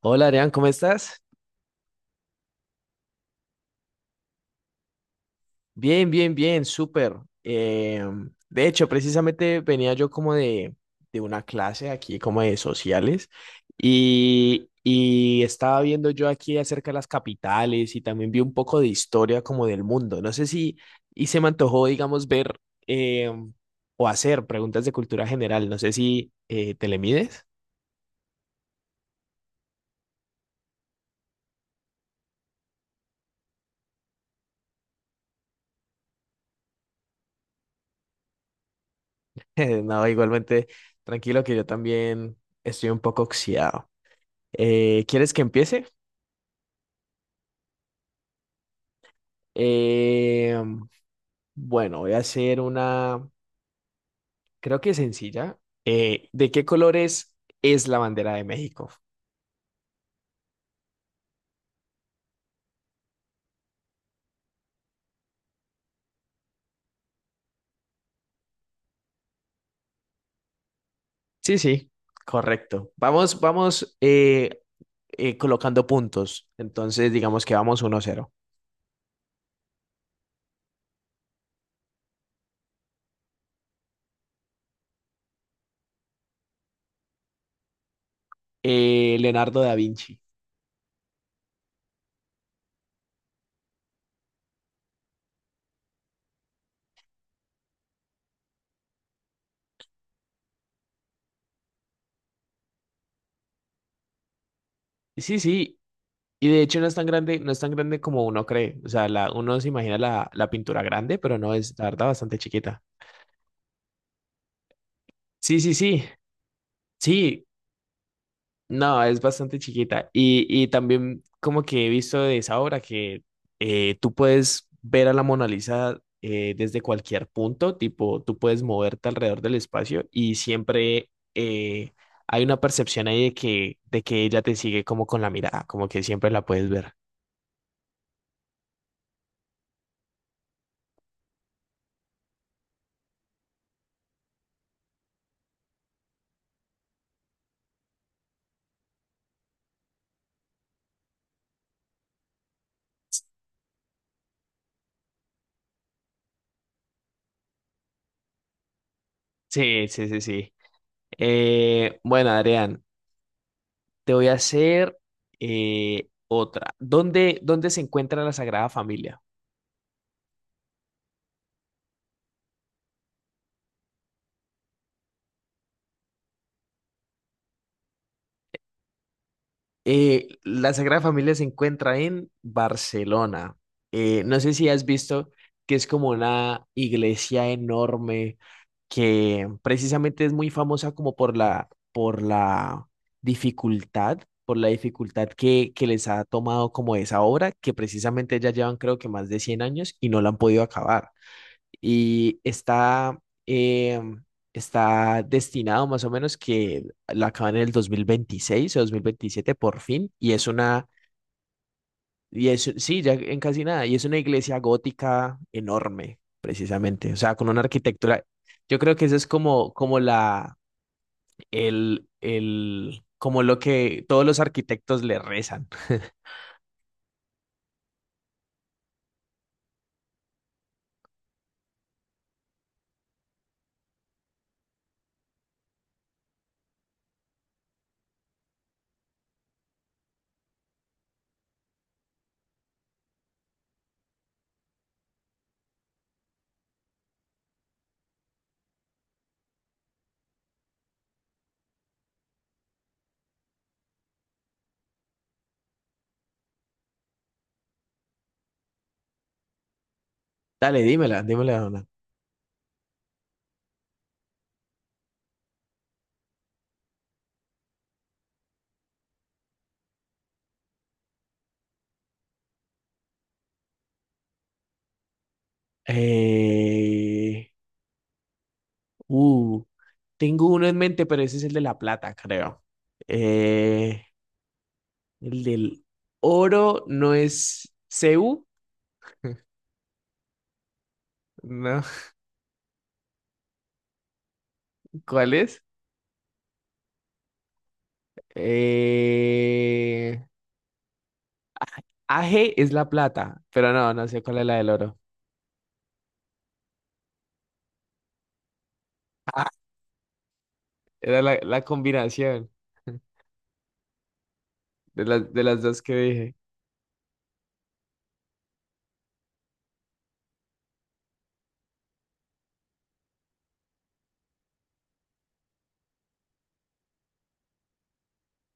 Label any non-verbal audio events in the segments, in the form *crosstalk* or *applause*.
Hola Adrián, ¿cómo estás? Bien, bien, bien, súper. Eh, de hecho, precisamente venía yo como de una clase aquí, como de sociales, y estaba viendo yo aquí acerca de las capitales y también vi un poco de historia como del mundo. No sé si, y se me antojó, digamos, ver eh, o hacer preguntas de cultura general. No sé si te le mides. *laughs* No, igualmente, tranquilo que yo también estoy un poco oxidado. ¿Quieres que empiece? Eh, bueno, voy a hacer una, creo que sencilla. ¿De qué colores es la bandera de México? Sí, sí, correcto. Vamos, vamos colocando puntos. Entonces, digamos que vamos uno cero. Leonardo da Vinci. Sí, sí. Y de hecho no es tan grande, no es tan grande como uno cree. O sea, uno se imagina la pintura grande, pero no es, la verdad, bastante chiquita. Sí, sí, sí. Sí, no, es bastante chiquita. Y también como que he visto de esa obra que tú puedes ver a la Mona Lisa desde cualquier punto, tipo, tú puedes moverte alrededor del espacio y siempre hay una percepción ahí de que ella te sigue como con la mirada, como que siempre la puedes ver. Sí, sí, sí, sí. Bueno, Adrián, te voy a hacer otra. ¿Dónde se encuentra la Sagrada Familia? La Sagrada Familia se encuentra en Barcelona. No sé si has visto que es como una iglesia enorme que precisamente es muy famosa como por la dificultad, por la dificultad que les ha tomado como esa obra, que precisamente ya llevan creo que más de 100 años y no la han podido acabar y eh, está destinado más o menos que lo acaban en el 2026 o 2027 por fin, y es y es, sí, ya en casi nada, y es una iglesia gótica enorme, precisamente, o sea, con una arquitectura, yo creo que eso es como, como la, el, como lo que todos los arquitectos le rezan. Dale, dímela, dímela, Dona. Eh, Uh, Tengo uno en mente, pero ese es el de la plata, creo. Eh, el del oro no es CU, ¿no? *laughs* ¿Cuál es? Eh, A G es la plata, pero no, no sé cuál es la del oro. Ah, era la combinación *laughs* de las dos que dije.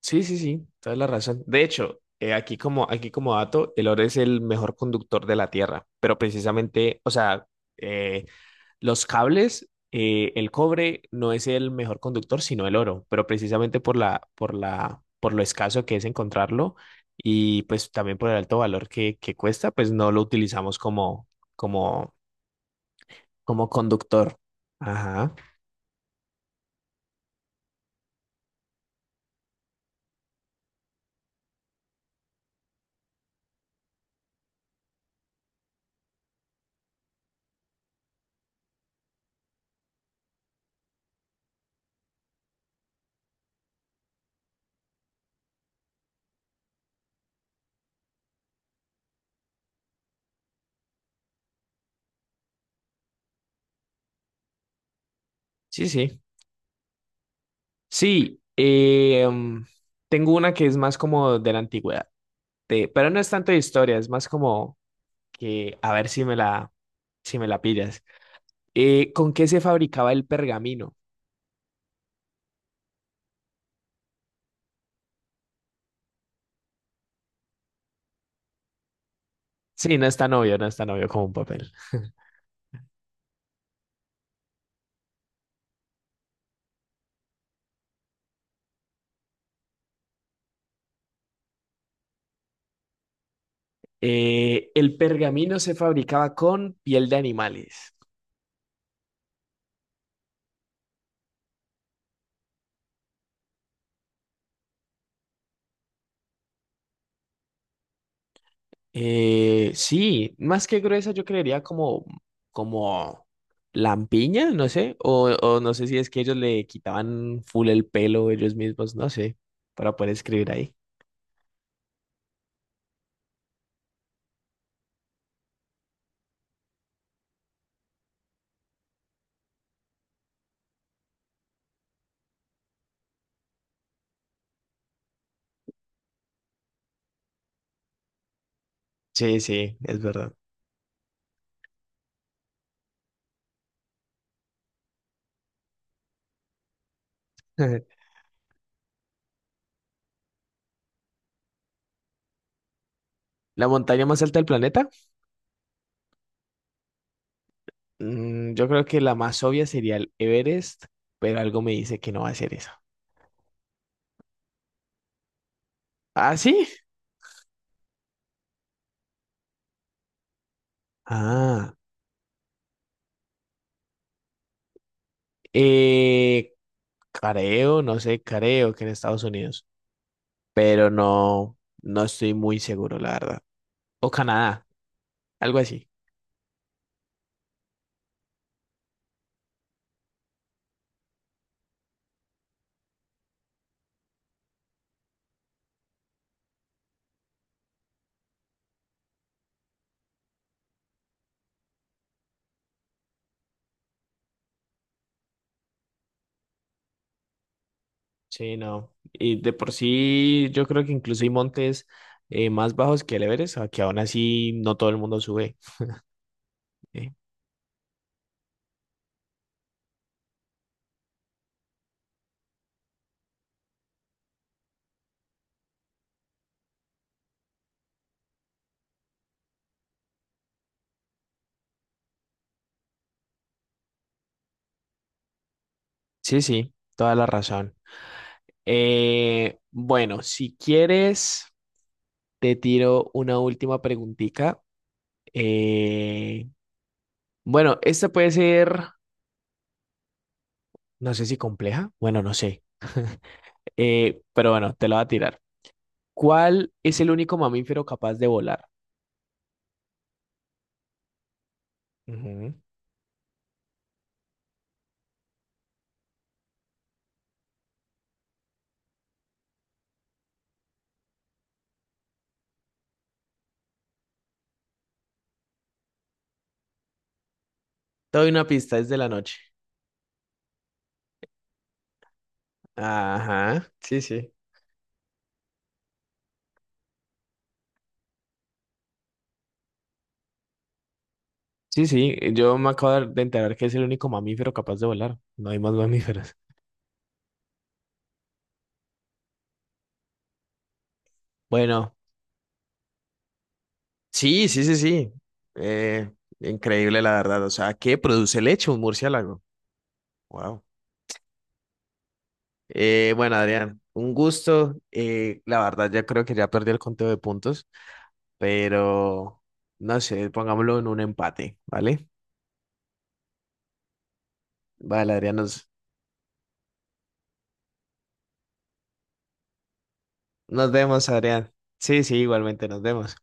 Sí, sí, sí, toda la razón. De hecho, aquí como dato, el oro es el mejor conductor de la Tierra, pero precisamente, o sea, eh, los cables, el cobre no es el mejor conductor, sino el oro, pero precisamente por lo escaso que es encontrarlo y pues también por el alto valor que cuesta, pues no lo utilizamos como, como conductor. Ajá. Sí, sí. Sí, tengo una que es más como de la antigüedad, de- pero no es tanto de historia, es más como que a ver si me si me la pillas. ¿Con qué se fabricaba el pergamino? Sí, no es tan obvio, no es tan obvio como un papel. El pergamino se fabricaba con piel de animales. Sí, más que gruesa, yo creería como lampiña, no sé, o no sé si es que ellos le quitaban full el pelo ellos mismos, no sé, para poder escribir ahí. Sí, sí, es verdad. *laughs* ¿La montaña más alta del planeta? Mm, yo creo que la más obvia sería el Everest, pero algo me dice que no va a ser eso. ¿Ah, sí? Ah, eh, Creo, no sé, creo que en Estados Unidos, pero no, no estoy muy seguro, la verdad. O Canadá, algo así. Sí, no. Y de por sí, yo creo que incluso hay montes más bajos que el Everest, a que aún así no todo el mundo sube. Eh, Sí, sí, toda la razón. Bueno, si quieres, te tiro una última preguntita. Eh, bueno, esta puede ser, no sé si compleja, bueno, no sé, pero bueno, te la voy a tirar. ¿Cuál es el único mamífero capaz de volar? Ujú. Te doy una pista, es de la noche. Ajá. Sí, sí. Sí, sí, yo me acabo de enterar que es el único mamífero capaz de volar. No hay más mamíferos. *laughs* Bueno, sí, sí, sí, sí. Eh, Increíble, la verdad. O sea, ¿qué produce leche un murciélago? Wow. Bueno, Adrián, un gusto. La verdad, ya creo que ya perdí el conteo de puntos, pero no sé, pongámoslo en un empate, ¿vale? Vale, Adrián, nos nos vemos, Adrián. Sí, sí, igualmente nos vemos.